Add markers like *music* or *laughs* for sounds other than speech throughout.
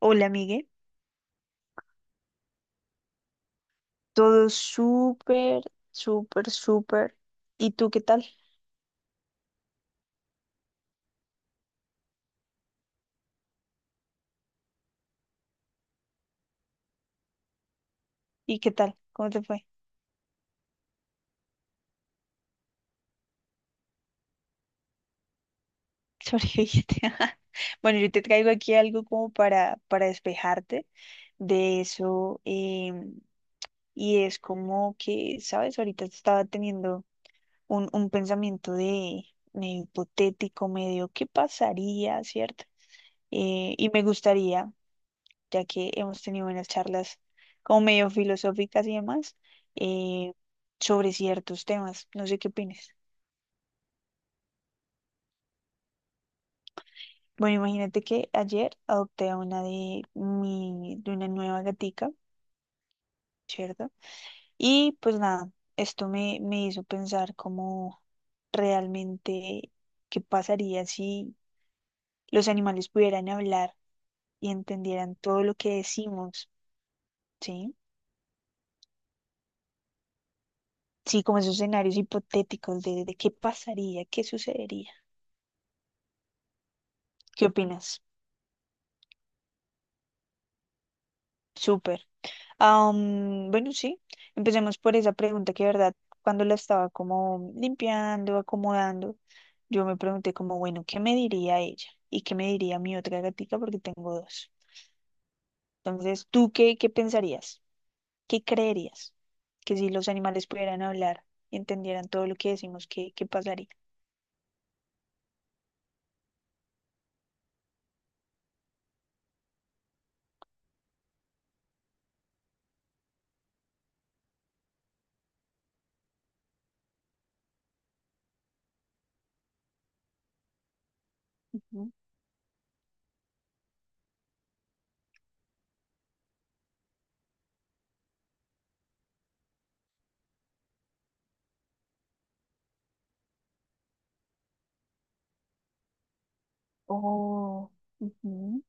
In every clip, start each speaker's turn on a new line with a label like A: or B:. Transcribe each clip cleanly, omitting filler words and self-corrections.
A: Hola, amigue. Todo súper, súper, súper. ¿Y tú qué tal? ¿Y qué tal? ¿Cómo te fue? *laughs* ¿Sobreviviste? *laughs* Bueno, yo te traigo aquí algo como para despejarte de eso. Y es como que, ¿sabes? Ahorita estaba teniendo un pensamiento de hipotético, medio, ¿qué pasaría, cierto? Y me gustaría, ya que hemos tenido unas charlas como medio filosóficas y demás, eh, sobre ciertos temas. No sé qué opinas. Bueno, imagínate que ayer adopté a una de mi, de una nueva gatica, ¿cierto? Y pues nada, esto me hizo pensar como realmente qué pasaría si los animales pudieran hablar y entendieran todo lo que decimos, ¿sí? Sí, como esos escenarios hipotéticos de qué pasaría, qué sucedería. ¿Qué opinas? Súper. Bueno, sí, empecemos por esa pregunta que, de verdad, cuando la estaba como limpiando, acomodando, yo me pregunté como, bueno, ¿qué me diría ella? ¿Y qué me diría mi otra gatica? Porque tengo dos. Entonces, ¿tú qué, qué pensarías? ¿Qué creerías? Que si los animales pudieran hablar y entendieran todo lo que decimos, ¿qué, qué pasaría? Ujú. Oh, ujú,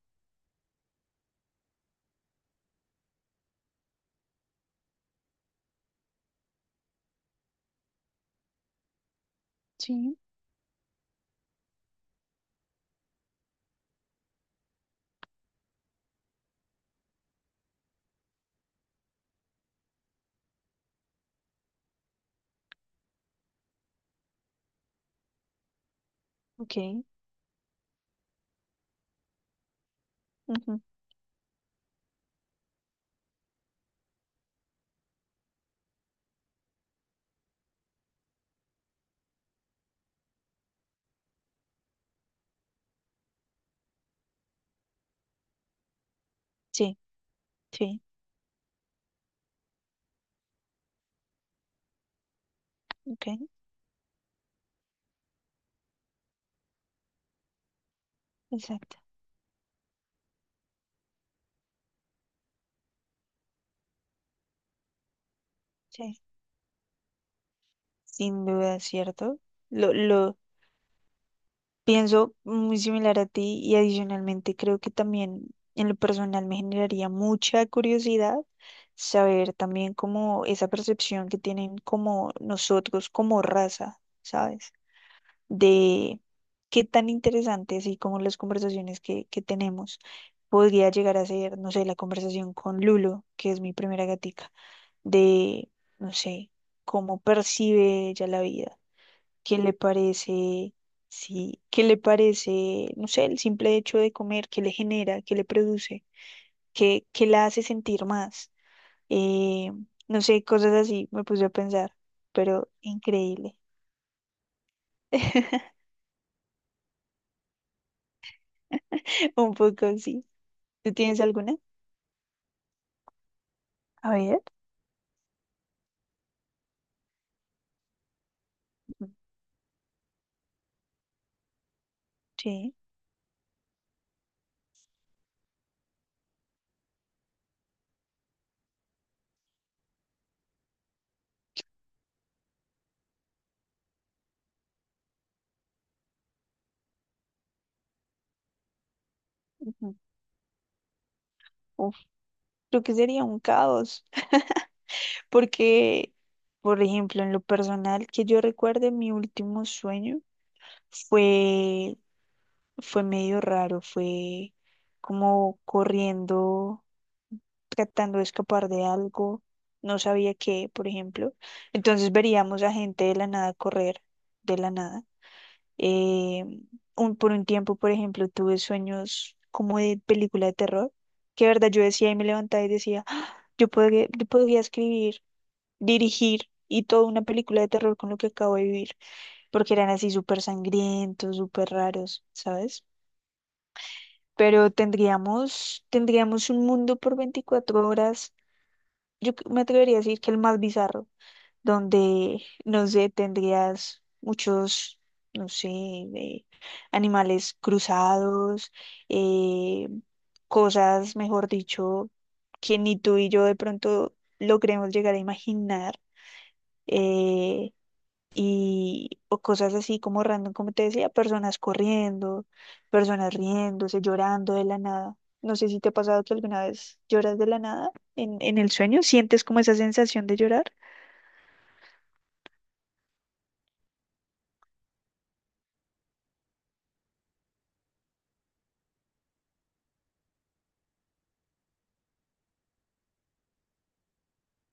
A: sí, ok, ujú, sí, sí, ok, exacto. Sí, sin duda, ¿cierto? Lo, pienso muy similar a ti y adicionalmente creo que también en lo personal me generaría mucha curiosidad saber también cómo esa percepción que tienen como nosotros como raza, ¿sabes? De qué tan interesantes y como las conversaciones que tenemos podría llegar a ser, no sé, la conversación con Lulo, que es mi primera gatica, de, no sé, cómo percibe ella la vida. ¿Qué le parece? Sí, ¿qué le parece? No sé, el simple hecho de comer, ¿qué le genera? ¿Qué le produce? ¿Qué, qué la hace sentir más? Eh, no sé, cosas así me puse a pensar, pero increíble. *laughs* Un poco así. ¿Tú tienes alguna? A ver. Ujú. Sí. Ujú. Uf, creo que sería un caos, *laughs* porque, por ejemplo, en lo personal que yo recuerde, mi último sueño fue, fue medio raro, fue como corriendo, tratando de escapar de algo, no sabía qué, por ejemplo. Entonces veríamos a gente de la nada correr, de la nada. Eh, un, por un tiempo, por ejemplo, tuve sueños como de película de terror, que de verdad yo decía y me levantaba y decía, "Ah, yo podría escribir, dirigir y toda una película de terror con lo que acabo de vivir, porque eran así súper sangrientos, súper raros, ¿sabes?" Pero tendríamos un mundo por 24 horas, yo c- me atrevería a decir que el más bizarro, donde, no sé, tendrías muchos, no sé, animales cruzados, eh, cosas, mejor dicho, que ni tú y yo de pronto logremos llegar a imaginar. eh, y o cosas así como random, como te decía, personas corriendo, personas riéndose, llorando de la nada. No sé si te ha pasado que alguna vez lloras de la nada en el sueño, sientes como esa sensación de llorar.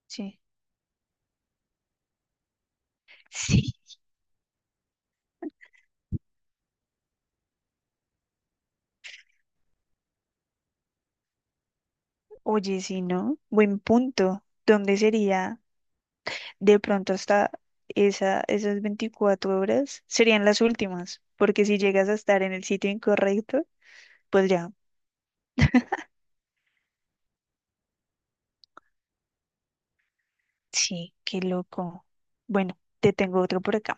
A: Sí. *laughs* Sí. Oye, sí no, buen punto. ¿Dónde sería de pronto hasta esa, esas 24 horas? Serían las últimas, porque si llegas a estar en el sitio incorrecto, pues ya, sí, qué loco. Bueno, te tengo otro por acá.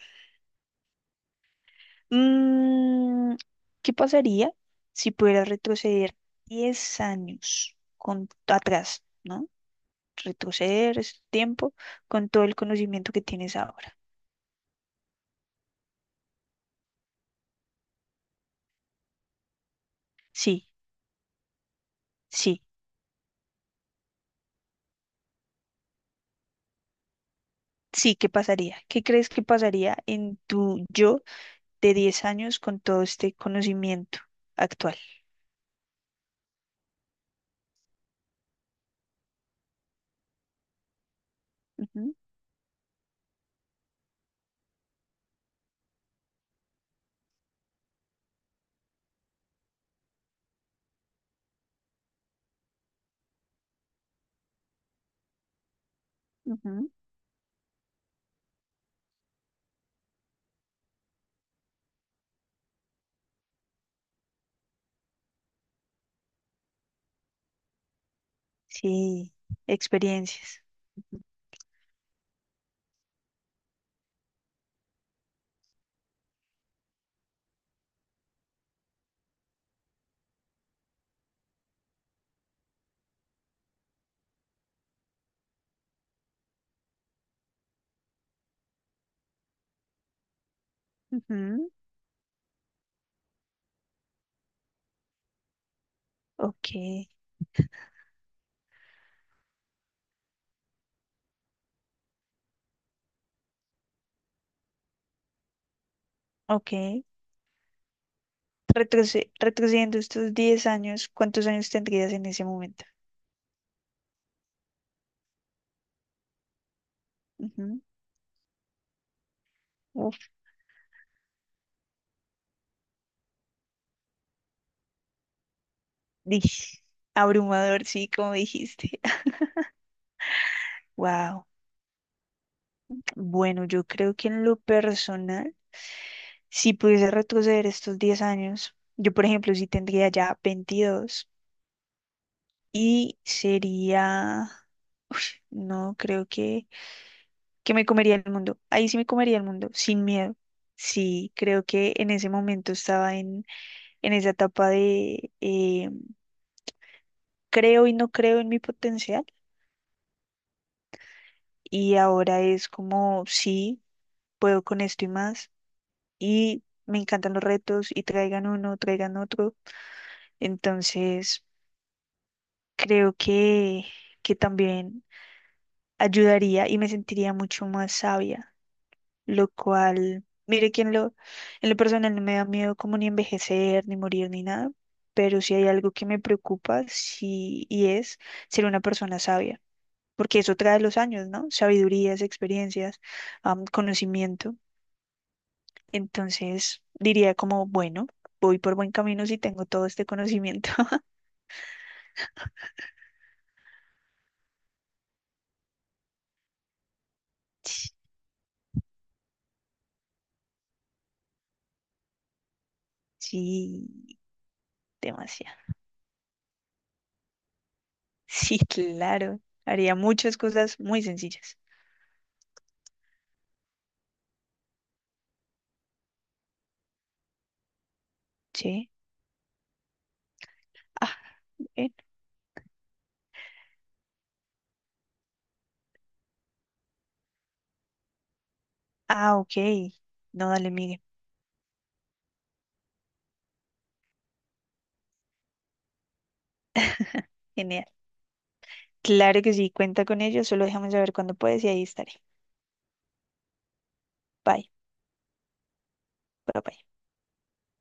A: Mm, ¿qué pasaría si pudieras retroceder 10 años con, atrás, ¿no? Retroceder ese tiempo con todo el conocimiento que tienes ahora. Sí, sí, sí, ¿qué pasaría? ¿Qué crees que pasaría en tu yo de 10 años con todo este conocimiento actual? Ujú, ujú, sí, experiencias. Ujú, ok, ok. Retroce- retrocediendo estos 10 años, ¿cuántos años tendrías en ese momento? Ujú. Uf, dish. Abrumador, sí, como dijiste. *laughs* Wow. Bueno, yo creo que en lo personal, si pudiese retroceder estos 10 años, yo por ejemplo, sí tendría ya 22 y sería, no, creo que me comería el mundo. Ahí sí me comería el mundo, sin miedo. Sí, creo que en ese momento estaba en esa etapa de creo y no creo en mi potencial y ahora es como sí. Puedo con esto y más. Y me encantan los retos y traigan uno, traigan otro. Entonces, creo que también ayudaría y me sentiría mucho más sabia, lo cual, mire que en lo personal no me da miedo como ni envejecer, ni morir, ni nada. Pero si hay algo que me preocupa, sí, y es ser una persona sabia, porque eso trae los años, ¿no? Sabidurías, experiencias, conocimiento. Entonces diría como, bueno, voy por buen camino si tengo todo este conocimiento. *laughs* Sí, sí, demasiado. *laughs* Sí, claro. Haría muchas cosas muy sencillas. Sí. Ah, bien. Ah, ok. No, dale, Miguel. Genial. Claro que sí, cuenta con ello. Solo déjame saber cuándo puedes y ahí estaré. Bye. Bye, bye.